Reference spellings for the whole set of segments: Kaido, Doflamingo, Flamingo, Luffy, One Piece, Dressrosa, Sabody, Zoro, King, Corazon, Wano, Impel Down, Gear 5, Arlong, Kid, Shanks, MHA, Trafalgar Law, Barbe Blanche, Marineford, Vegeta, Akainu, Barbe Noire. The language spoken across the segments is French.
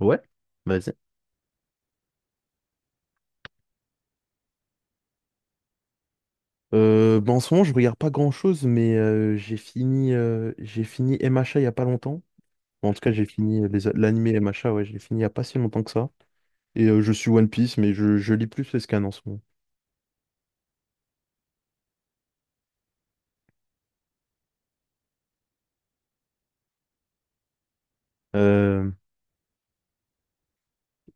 Ouais, vas-y. Ben, en ce moment, je regarde pas grand-chose, mais j'ai fini MHA il y a pas longtemps. Bon, en tout cas, j'ai fini l'anime MHA, ouais, je l'ai fini il y a pas si longtemps que ça. Et je suis One Piece, mais je lis plus les scans en ce moment. Euh,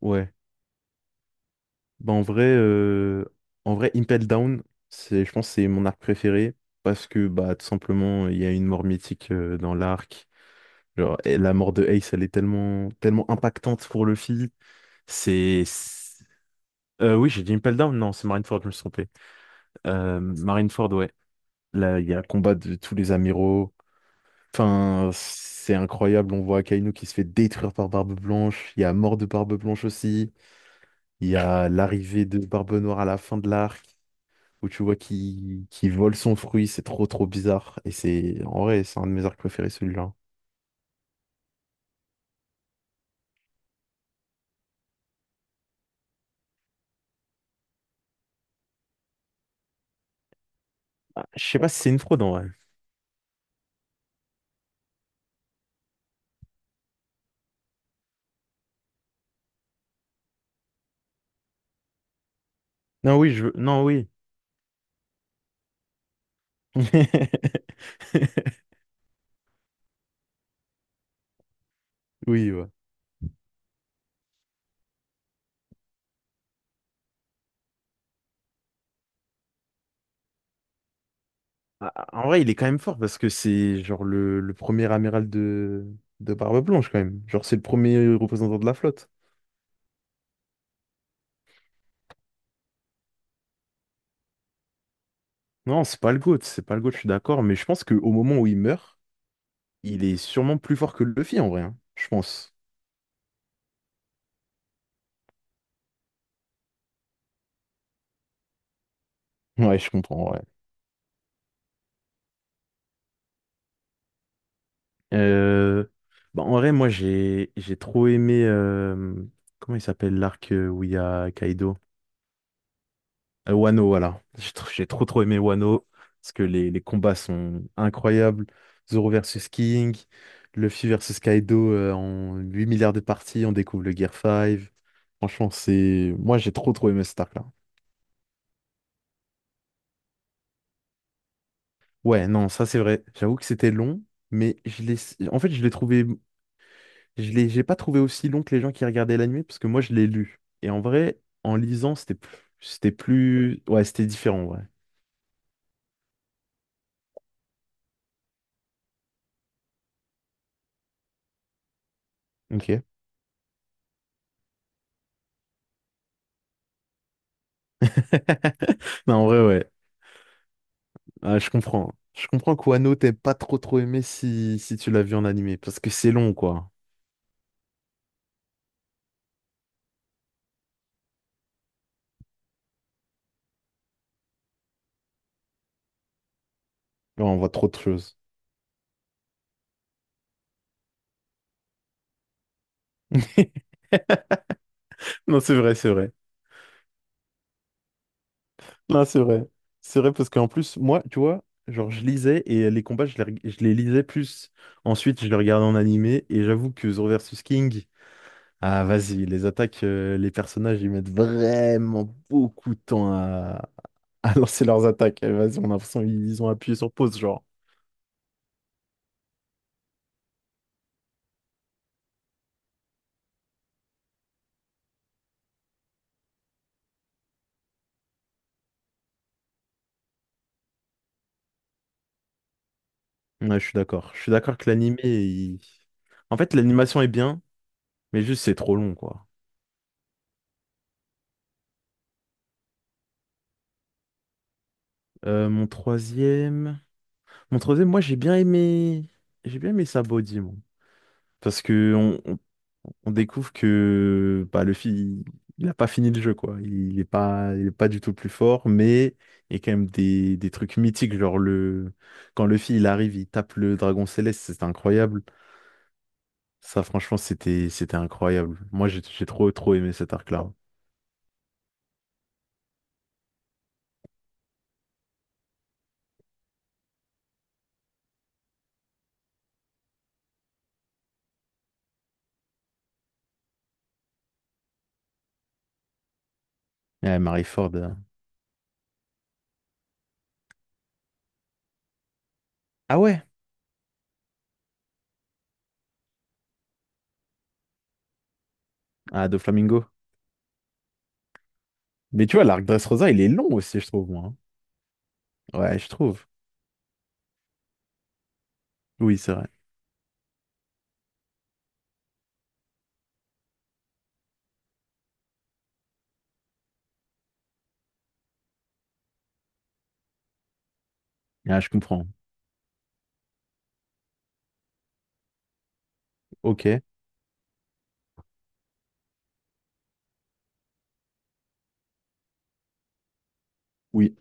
ouais. Ben, en vrai, Impel Down, je pense que c'est mon arc préféré parce que bah, tout simplement, il y a une mort mythique dans l'arc. Genre, et la mort de Ace, elle est tellement, tellement impactante pour Luffy. C'est. Oui, j'ai dit Impel Down, non, c'est Marineford, je me suis trompé. Marineford, ouais. Là, il y a le combat de tous les amiraux. Enfin, c'est incroyable, on voit Akainu qui se fait détruire par Barbe Blanche. Il y a mort de Barbe Blanche aussi. Il y a l'arrivée de Barbe Noire à la fin de l'arc, où tu vois qui vole son fruit, c'est trop trop bizarre. Et c'est, en vrai, c'est un de mes arcs préférés, celui-là. Ah, je sais pas si c'est une fraude, en vrai. Non, oui, je veux... Non, oui. Oui, ouais. Ah, en vrai, il est quand même fort parce que c'est genre le premier amiral de Barbe Blanche quand même. Genre, c'est le premier représentant de la flotte. Non, c'est pas le GOAT, c'est pas le GOAT, je suis d'accord, mais je pense qu'au moment où il meurt, il est sûrement plus fort que Luffy en vrai, hein, je pense. Ouais, je comprends, ouais. Euh, Bah, en vrai, moi j'ai trop aimé. Comment il s'appelle l'arc où il y a Kaido? Wano, voilà. J'ai trop trop aimé Wano, parce que les combats sont incroyables. Zoro versus King, Luffy versus Kaido en 8 milliards de parties, on découvre le Gear 5. Franchement, Moi, j'ai trop trop aimé cet arc-là. Ouais, non, ça c'est vrai. J'avoue que c'était long, mais En fait, J'ai pas trouvé aussi long que les gens qui regardaient l'anime, parce que moi, je l'ai lu. Et en vrai, en lisant, Ouais, c'était différent, ouais. Ok. Non, en vrai, ouais. Ah, je comprends. Je comprends qu'Wano t'aies pas trop trop aimé si tu l'as vu en animé, parce que c'est long, quoi. Là, on voit trop de choses. Non, c'est vrai, c'est vrai. Non, c'est vrai. C'est vrai parce qu'en plus, moi, tu vois, genre, je lisais et les combats, je les lisais plus. Ensuite, je les regardais en animé et j'avoue que Zoro versus King, ah, vas-y, les attaques, les personnages, ils mettent vraiment beaucoup de temps à lancer leurs attaques. Eh, vas-y, on a l'impression qu'ils ont appuyé sur pause, genre. Ouais, je suis d'accord. Je suis d'accord que l'animé, en fait, l'animation est bien, mais juste c'est trop long, quoi. Mon troisième, moi j'ai bien aimé, Sabody, moi, parce que on découvre que bah, le fil, il n'a pas fini le jeu, quoi. Il est pas du tout le plus fort, mais il y a quand même des trucs mythiques, quand le fil il arrive, il tape le dragon céleste, c'est incroyable. Ça, franchement, c'était incroyable. Moi, j'ai trop trop aimé cet arc-là. Ouais, Marie Ford. Ah ouais, ah, de Flamingo. Mais tu vois, l'arc Dressrosa, il est long aussi, je trouve, moi. Hein. Ouais, je trouve. Oui, c'est vrai. Ah, je comprends. Ok. Oui.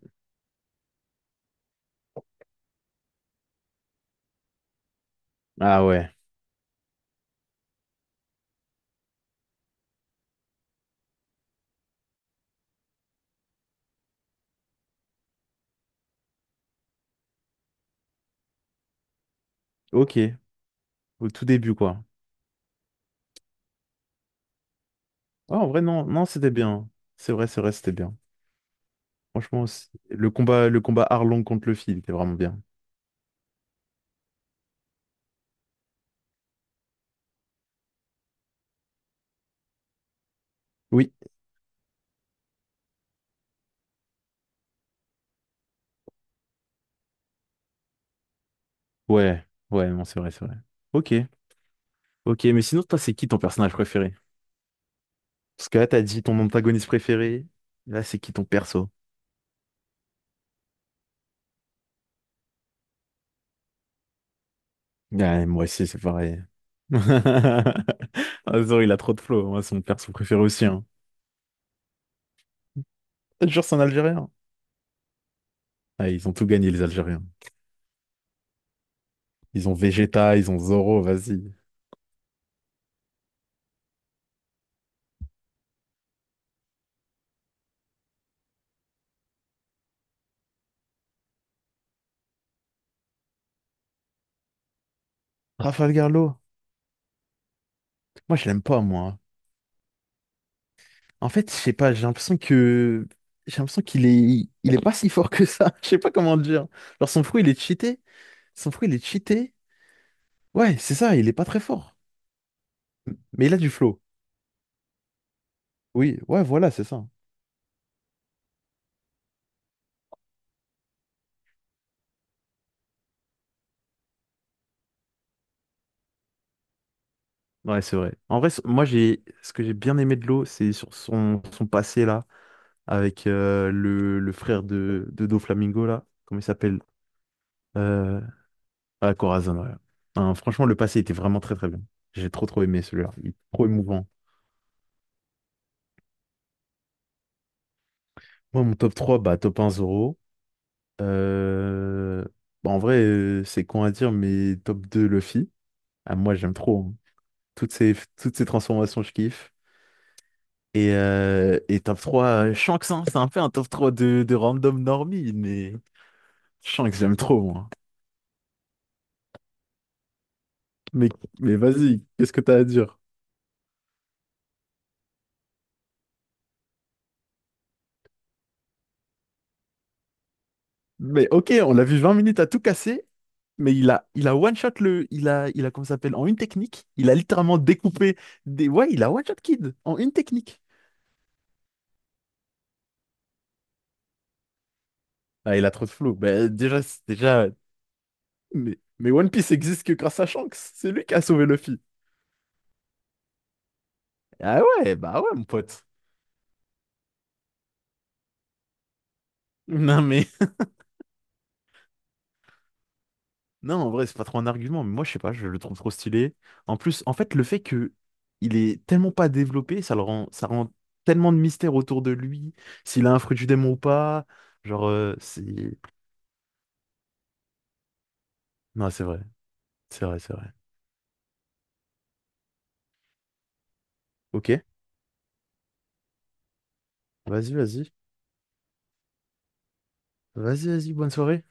Ah ouais. Ok. Au tout début, quoi. Ah, en vrai, non, non, c'était bien. C'est vrai, c'était bien. Franchement, le combat Arlong contre Luffy, il était vraiment bien. Oui, ouais, ouais, non, c'est vrai, c'est vrai. Ok, ok, mais sinon, toi, c'est qui ton personnage préféré? Parce que là, t'as dit ton antagoniste préféré. Là, c'est qui ton perso? Ouais, moi aussi, c'est pareil. Ah, Zoro, il a trop de flow. Moi, c'est mon perso préféré aussi. Hein. Je te jure, c'est un Algérien. Ah, ils ont tout gagné, les Algériens. Ils ont Vegeta, ils ont Zoro, vas-y. Trafalgar Law. Moi, je l'aime pas, moi. En fait, je sais pas, j'ai l'impression qu'il est pas si fort que ça. Je sais pas comment dire. Genre son fruit, il est cheaté. Son fruit, il est cheaté. Ouais, c'est ça, il est pas très fort. Mais il a du flow. Oui, ouais, voilà, c'est ça. Ouais, c'est vrai. En vrai, moi j'ai ce que j'ai bien aimé de l'eau, c'est sur son passé là avec le frère de Doflamingo là, comment il s'appelle? Euh... Ah, Corazon, ouais. Hein, franchement, le passé était vraiment très très bien. J'ai trop trop aimé celui-là. Il est trop émouvant. Moi, mon top 3, bah top un Zoro. Euh, Bah, en vrai, c'est con à dire, mais top 2 Luffy. Ah, moi, j'aime trop. Hein. Toutes ces transformations, je kiffe. Et top 3 Shanks, hein, c'est un peu un top 3 de random normie, mais Shanks, j'aime trop, moi. Mais, mais vas-y, qu'est-ce que t'as à dire? Mais ok, on l'a vu 20 minutes à tout casser, mais il a one-shot le. Il a, comment ça s'appelle, en une technique. Il a littéralement découpé des. Ouais, il a one-shot Kid en une technique. Ah, il a trop de flow. Bah, déjà, déjà, Mais One Piece existe que grâce à Shanks. C'est lui qui a sauvé Luffy. Ah ouais, bah ouais, mon pote. Non, mais. Non, en vrai, c'est pas trop un argument, mais moi, je sais pas, je le trouve trop stylé. En plus, en fait, le fait que il est tellement pas développé, ça rend tellement de mystère autour de lui, s'il a un fruit du démon ou pas. Genre, c'est. Non, c'est vrai, c'est vrai, c'est vrai. Ok, vas-y, vas-y. Vas-y, vas-y, bonne soirée.